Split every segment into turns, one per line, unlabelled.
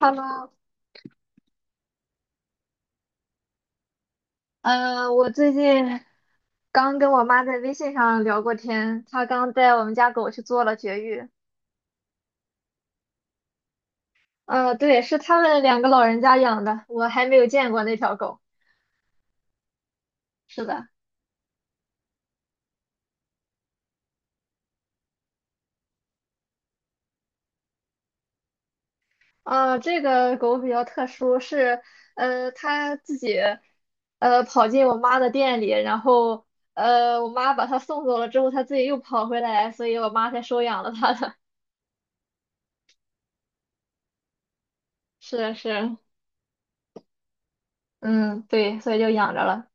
Hello，我最近刚跟我妈在微信上聊过天，她刚带我们家狗去做了绝育。对，是他们两个老人家养的，我还没有见过那条狗。是的，这个狗比较特殊，它自己跑进我妈的店里，然后我妈把它送走了之后，它自己又跑回来，所以我妈才收养了它的。是是，嗯，对，所以就养着了。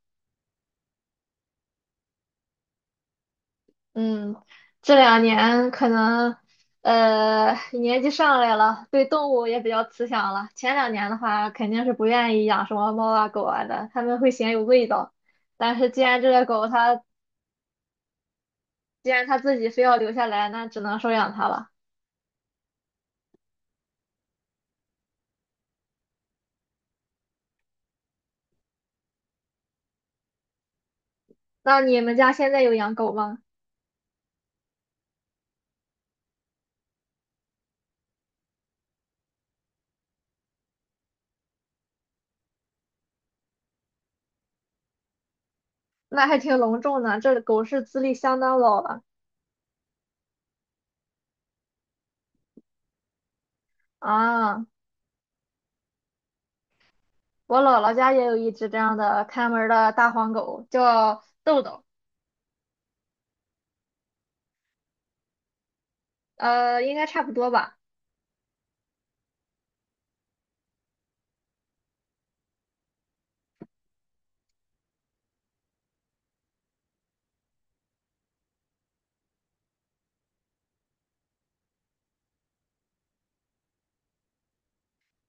嗯，这两年可能年纪上来了，对动物也比较慈祥了。前两年的话，肯定是不愿意养什么猫啊狗啊的，他们会嫌有味道。但是既然它自己非要留下来，那只能收养它了。那你们家现在有养狗吗？那还挺隆重的，这狗是资历相当老了啊。我姥姥家也有一只这样的看门儿的大黄狗，叫豆豆，应该差不多吧。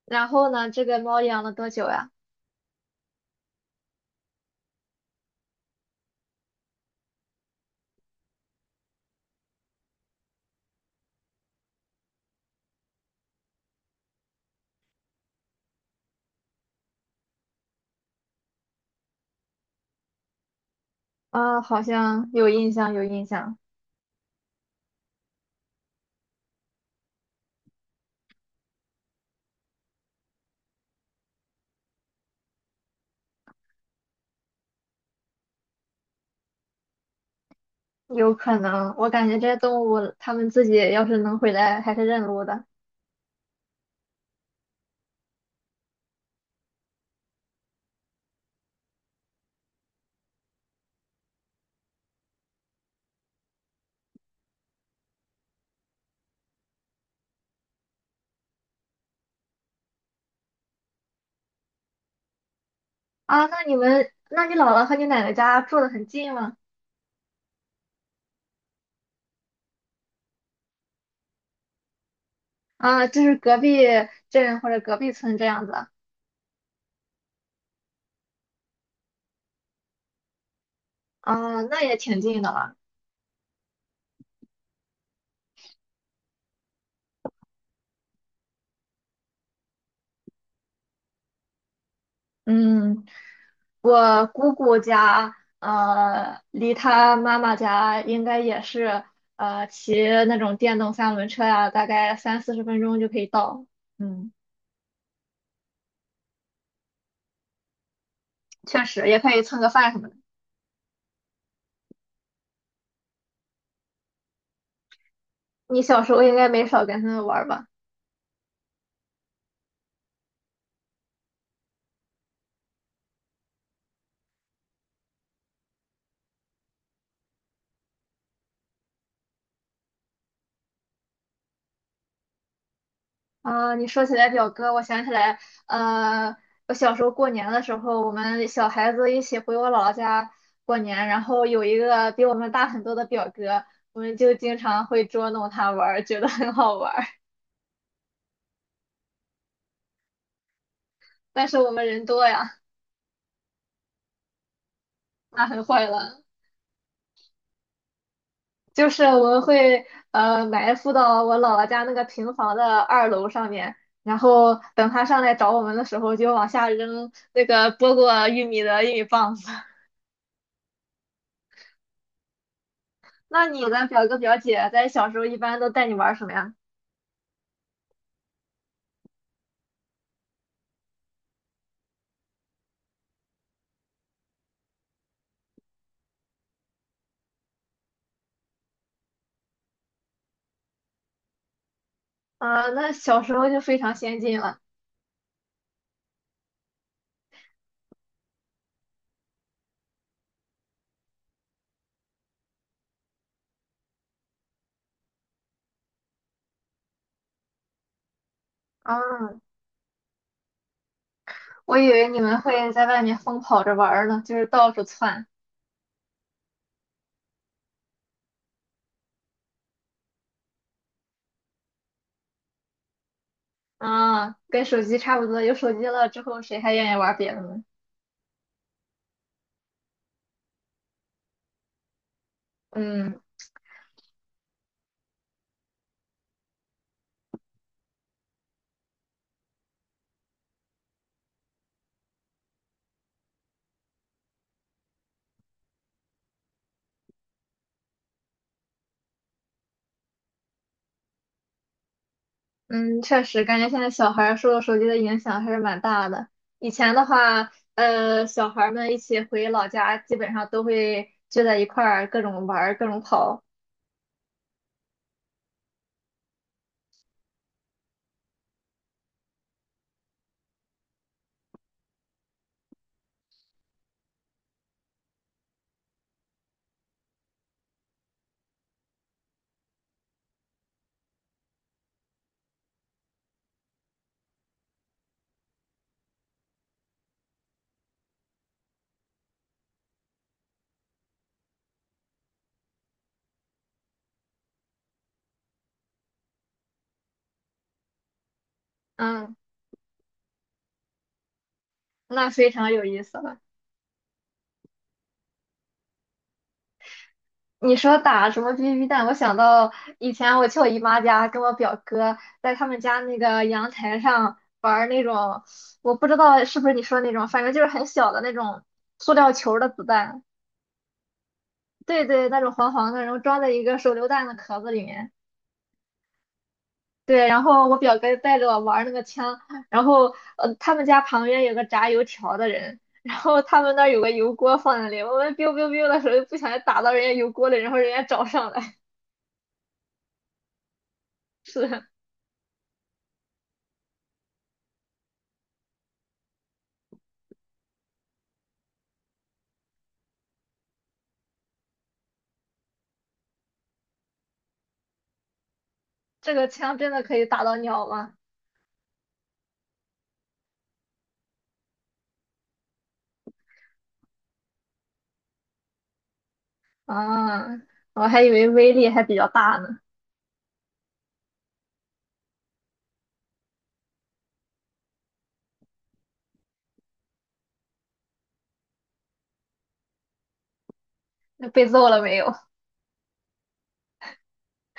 然后呢，这个猫养了多久呀？啊，好像有印象，有印象，有可能。我感觉这些动物，它们自己要是能回来，还是认路的。啊，那你姥姥和你奶奶家住得很近吗？啊，就是隔壁镇或者隔壁村这样子。啊，那也挺近的了。嗯，我姑姑家，离她妈妈家应该也是，骑那种电动三轮车呀，大概三四十分钟就可以到。嗯，确实，也可以蹭个饭什么的。你小时候应该没少跟他们玩儿吧？啊，你说起来表哥，我想起来，呃，我小时候过年的时候，我们小孩子一起回我姥姥家过年，然后有一个比我们大很多的表哥，我们就经常会捉弄他玩儿，觉得很好玩。但是我们人多呀，那很坏了。就是我们会埋伏到我姥姥家那个平房的二楼上面，然后等他上来找我们的时候，就往下扔那个剥过玉米的玉米棒子。那你的表哥表姐在小时候一般都带你玩什么呀？啊，那小时候就非常先进了。啊，我以为你们会在外面疯跑着玩儿呢，就是到处窜。啊，跟手机差不多，有手机了之后，谁还愿意玩别的呢？嗯。嗯，确实，感觉现在小孩儿受手机的影响还是蛮大的。以前的话，小孩儿们一起回老家，基本上都会聚在一块儿，各种玩儿，各种跑。嗯，那非常有意思了。你说打什么 BB 弹，我想到以前我去我姨妈家，跟我表哥在他们家那个阳台上玩儿那种，我不知道是不是你说那种，反正就是很小的那种塑料球儿的子弹。对对，那种黄黄的，然后装在一个手榴弹的壳子里面。对，然后我表哥带着我玩儿那个枪，然后他们家旁边有个炸油条的人，然后他们那儿有个油锅放在那里，我们 biu biu biu 的时候不小心打到人家油锅里，然后人家找上来。是，这个枪真的可以打到鸟吗？啊，我还以为威力还比较大呢。那被揍了没有？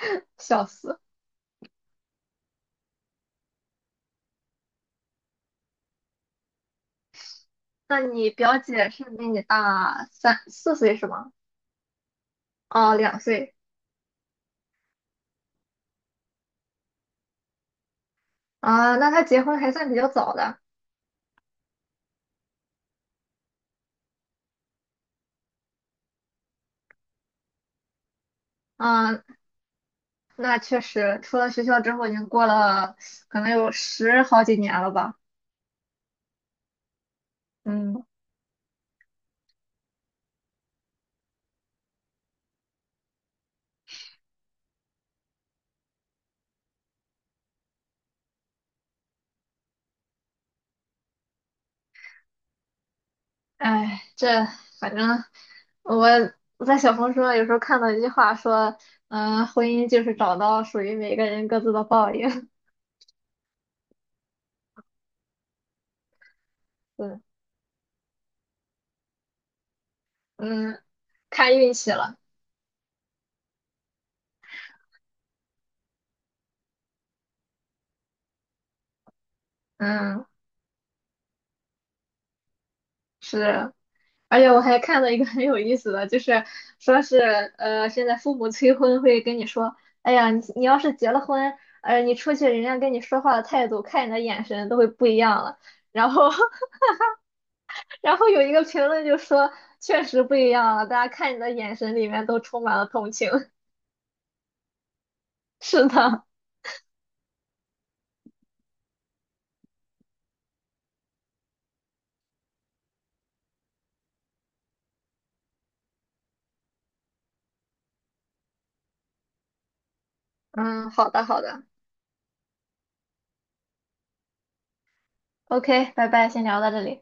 笑死。那你表姐是比你大三四岁是吗？哦，两岁啊，那她结婚还算比较早的。啊，那确实，出了学校之后已经过了可能有十好几年了吧。嗯，哎，这反正我我在小红书上有时候看到一句话说，嗯、婚姻就是找到属于每个人各自的报应。嗯嗯，看运气了。嗯，是。而且我还看到一个很有意思的，就是说是现在父母催婚会跟你说，哎呀，你要是结了婚，你出去人家跟你说话的态度，看你的眼神都会不一样了。然后，然后有一个评论就说，确实不一样了，大家看你的眼神里面都充满了同情。是的，嗯，好的，好的，OK，拜拜，先聊到这里。